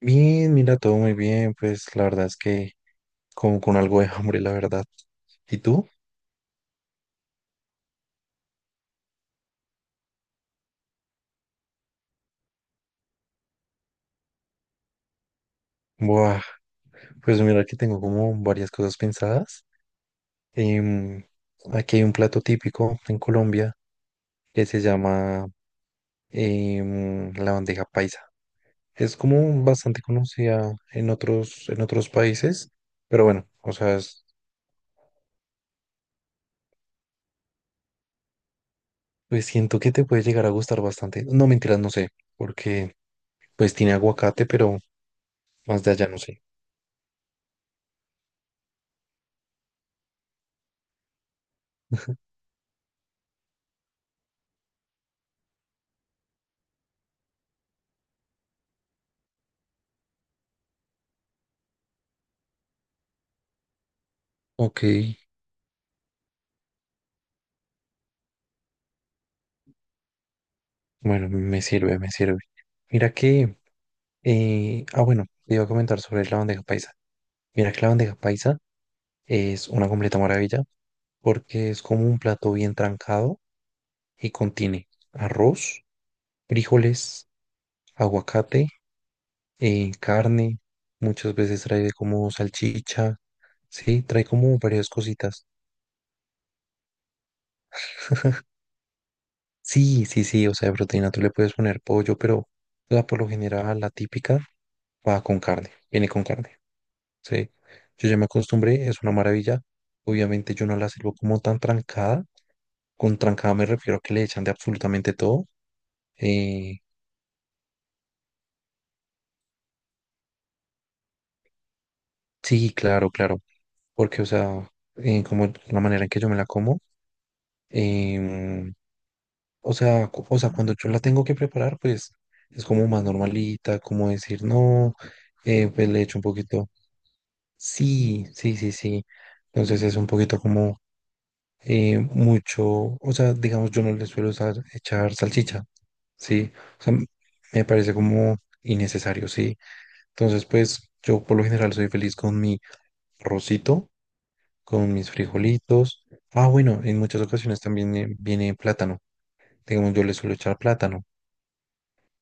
Bien, mira, todo muy bien, pues la verdad es que como con algo de hambre, la verdad. ¿Y tú? Buah, pues mira que tengo como varias cosas pensadas. Em, Aquí hay un plato típico en Colombia que se llama la bandeja paisa. Es como bastante conocida en otros, países, pero bueno, o sea, pues siento que te puede llegar a gustar bastante. No, mentiras, no sé, porque pues tiene aguacate, pero más de allá no sé. Ok. Bueno, me sirve, me sirve. Mira que, bueno, te iba a comentar sobre la bandeja paisa. Mira que la bandeja paisa es una completa maravilla porque es como un plato bien trancado y contiene arroz, frijoles, aguacate, carne, muchas veces trae como salchicha, sí, trae como varias cositas. Sí, sí, sí, o sea, de proteína tú le puedes poner pollo, pero la, por lo general, la típica va con carne, viene con carne. Sí, yo ya me acostumbré, es una maravilla. Obviamente yo no la sirvo como tan trancada. Con trancada me refiero a que le echan de absolutamente todo. Eh, sí, claro, claro. Porque, o sea, como la manera en que yo me la como, em, o sea, o sea, cuando yo la tengo que preparar, pues es como más normalita, como decir, no, pues le echo un poquito. Sí, sí, sí, sí. Entonces es un poquito como mucho, o sea, digamos, yo no le suelo echar salchicha. Sí, o sea, me parece como innecesario, sí. Entonces, pues yo, por lo general, soy feliz con mi arrocito, con mis frijolitos. Ah, bueno, en muchas ocasiones también viene plátano. Digamos, yo le suelo echar plátano,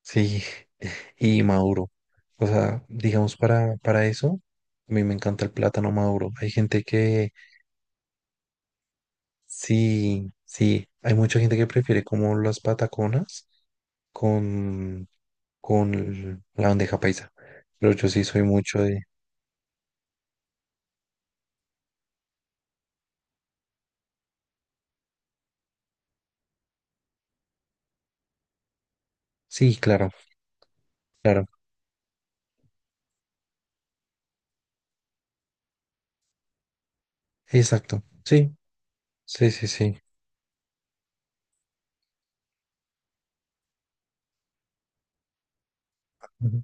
sí, y maduro. O sea, digamos, para eso, a mí me encanta el plátano maduro. Hay gente que, sí, sí, hay mucha gente que prefiere como las pataconas con con la bandeja paisa. Pero yo sí soy mucho de... Sí, claro, claro. Exacto. Sí, sí, sí, sí. Ujú.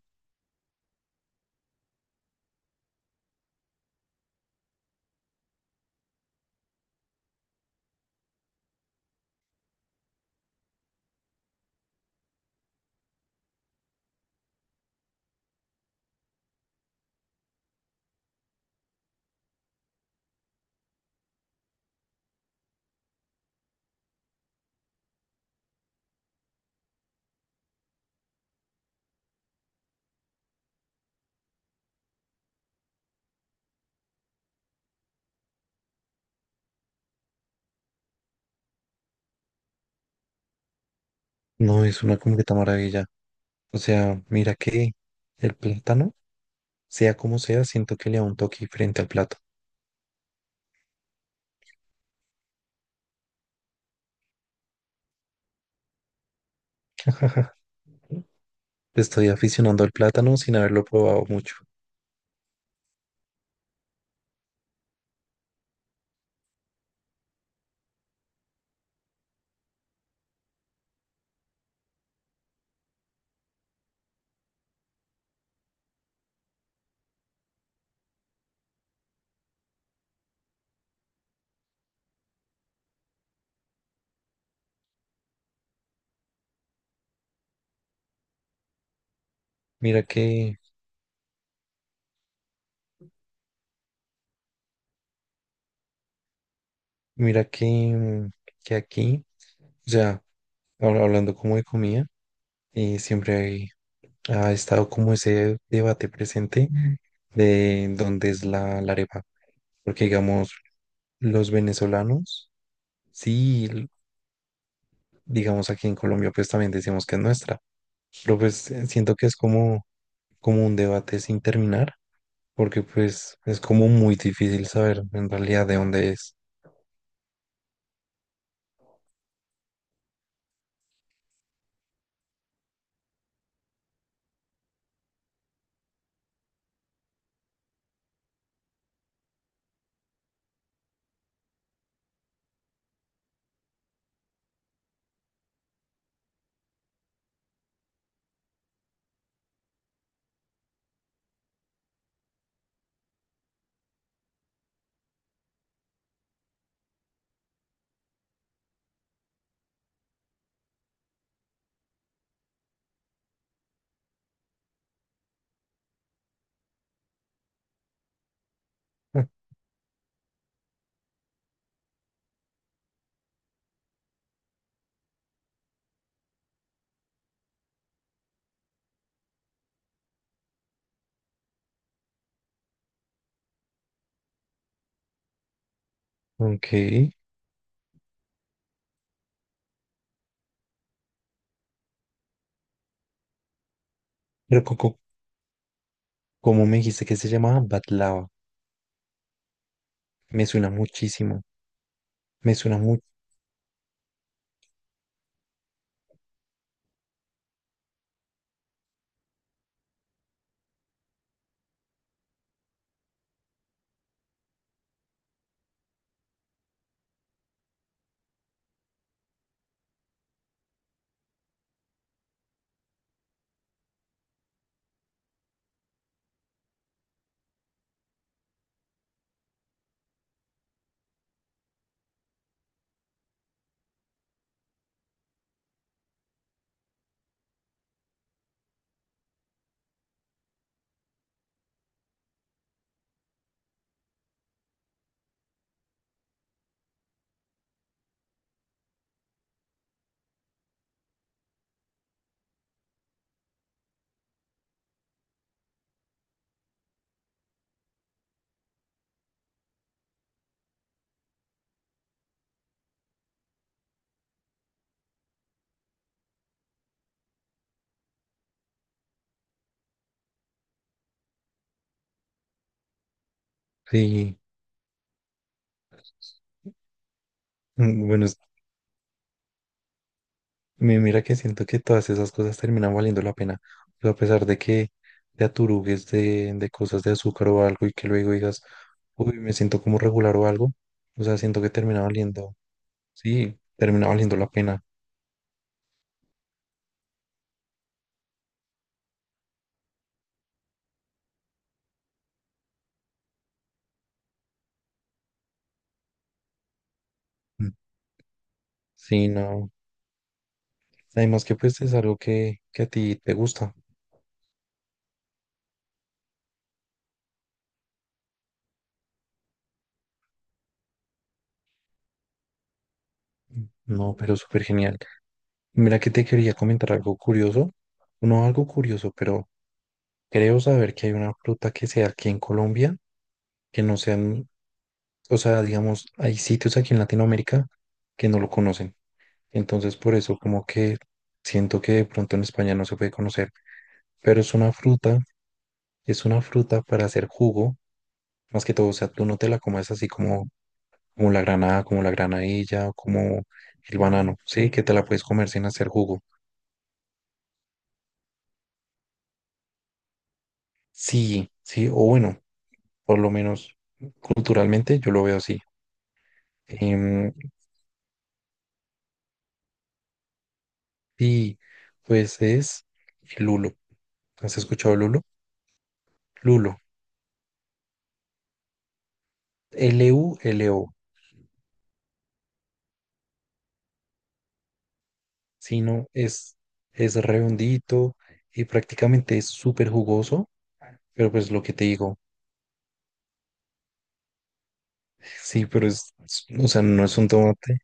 No, es una completa maravilla. O sea, mira que el plátano, sea como sea, siento que le da un toque frente al plato. Estoy aficionando al plátano sin haberlo probado mucho. Mira que, mira que, que aquí, o sea, hablando como de comida, y siempre ha estado como ese debate presente, ujú, de dónde es la arepa. Porque digamos, los venezolanos, sí, digamos aquí en Colombia, pues también decimos que es nuestra, pero pues siento que es como un debate sin terminar, porque pues es como muy difícil saber en realidad de dónde es. Ah, ok, pero como me dijiste que se llamaba Batlava, me suena muchísimo, me suena mucho, sí. Mm, bueno, Mira que siento que todas esas cosas terminan valiendo la pena. O sea, a pesar de que te aturugues de, cosas de azúcar o algo y que luego digas, uy, me siento como regular o algo. O sea, siento que termina valiendo, sí, termina valiendo la pena. Mm. Sí, no. Además que pues es algo que a ti te gusta. Mm. No, pero súper genial. Mira que te quería comentar algo curioso. No algo curioso, pero creo saber que hay una fruta que sea aquí en Colombia, que no sea, o sea, digamos, hay sitios aquí en Latinoamérica que no lo conocen. Entonces, por eso como que siento que de pronto en España no se puede conocer, pero es una fruta para hacer jugo, más que todo. O sea, tú no te la comes así como, como la granada, como la granadilla, o como el banano, ¿sí? Que te la puedes comer sin hacer jugo. Sí, sí, o bueno, por lo menos culturalmente yo lo veo así. Em, y pues es el lulo. ¿Has escuchado el lulo? Lulo. Lulo, sino es redondito y prácticamente es súper jugoso, pero pues lo que te digo, sí, pero o sea, no es un tomate,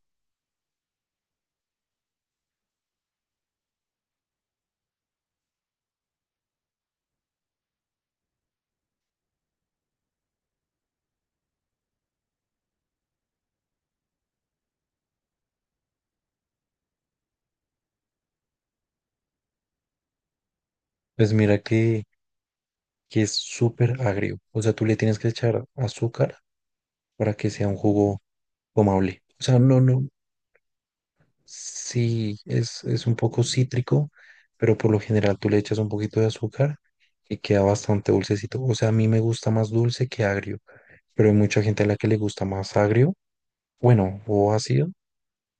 pues mira que, es súper agrio, o sea, tú le tienes que echar azúcar para que sea un jugo tomable, o sea, no, no, sí, es, un poco cítrico, pero por lo general tú le echas un poquito de azúcar y queda bastante dulcecito. O sea, a mí me gusta más dulce que agrio, pero hay mucha gente a la que le gusta más agrio. Bueno, o ácido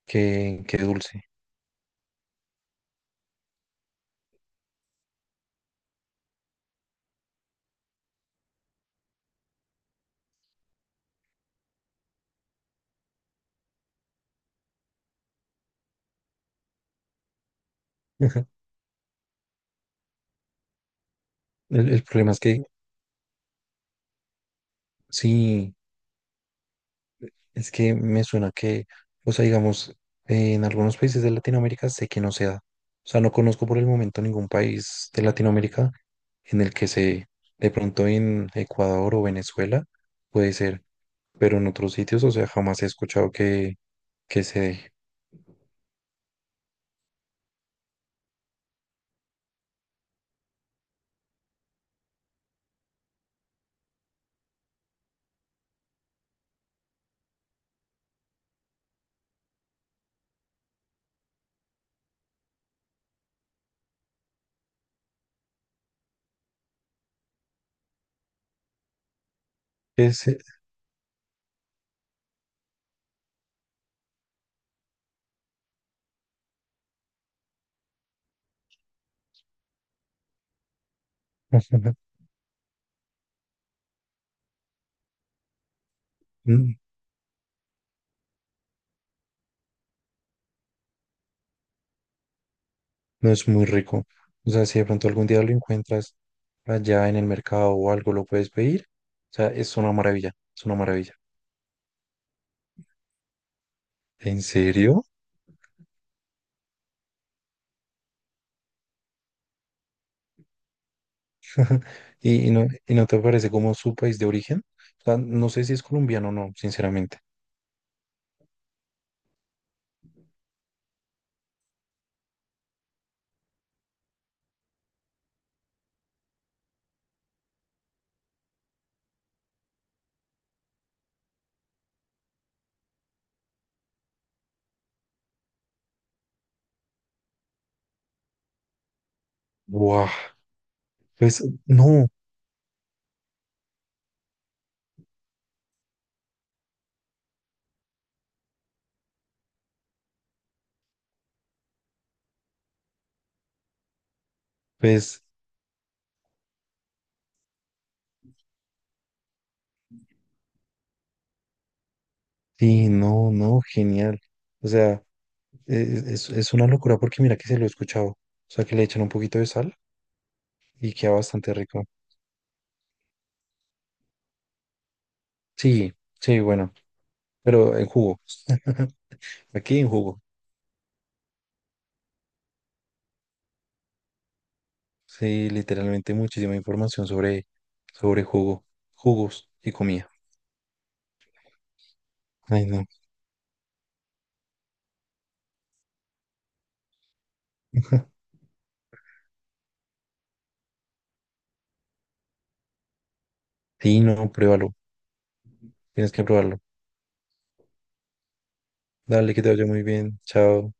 que, dulce. El problema es que sí, es que me suena que, o sea, digamos, en algunos países de Latinoamérica sé que no se da. O sea, no conozco por el momento ningún país de Latinoamérica en el que se, de pronto en Ecuador o Venezuela, puede ser, pero en otros sitios, o sea, jamás he escuchado que, se dé. Que se- Mm, No es muy rico. O sea, si de pronto algún día lo encuentras allá en el mercado o algo, lo puedes pedir. O sea, es una maravilla, es una maravilla. ¿En serio? ¿Y no te parece como su país de origen? O sea, no sé si es colombiano o no, sinceramente. ¡Guau! Pues no, pues sí, no, no, genial. O sea, es una locura porque mira que se lo he escuchado. O sea, que le echan un poquito de sal y queda bastante rico. Sí, sí, bueno, pero en jugo. Aquí en jugo. Sí, literalmente muchísima información sobre, sobre jugo, jugos y comida. Ay, no. Sí, no, pruébalo. Tienes que probarlo. Dale, que te vaya muy bien. Chao.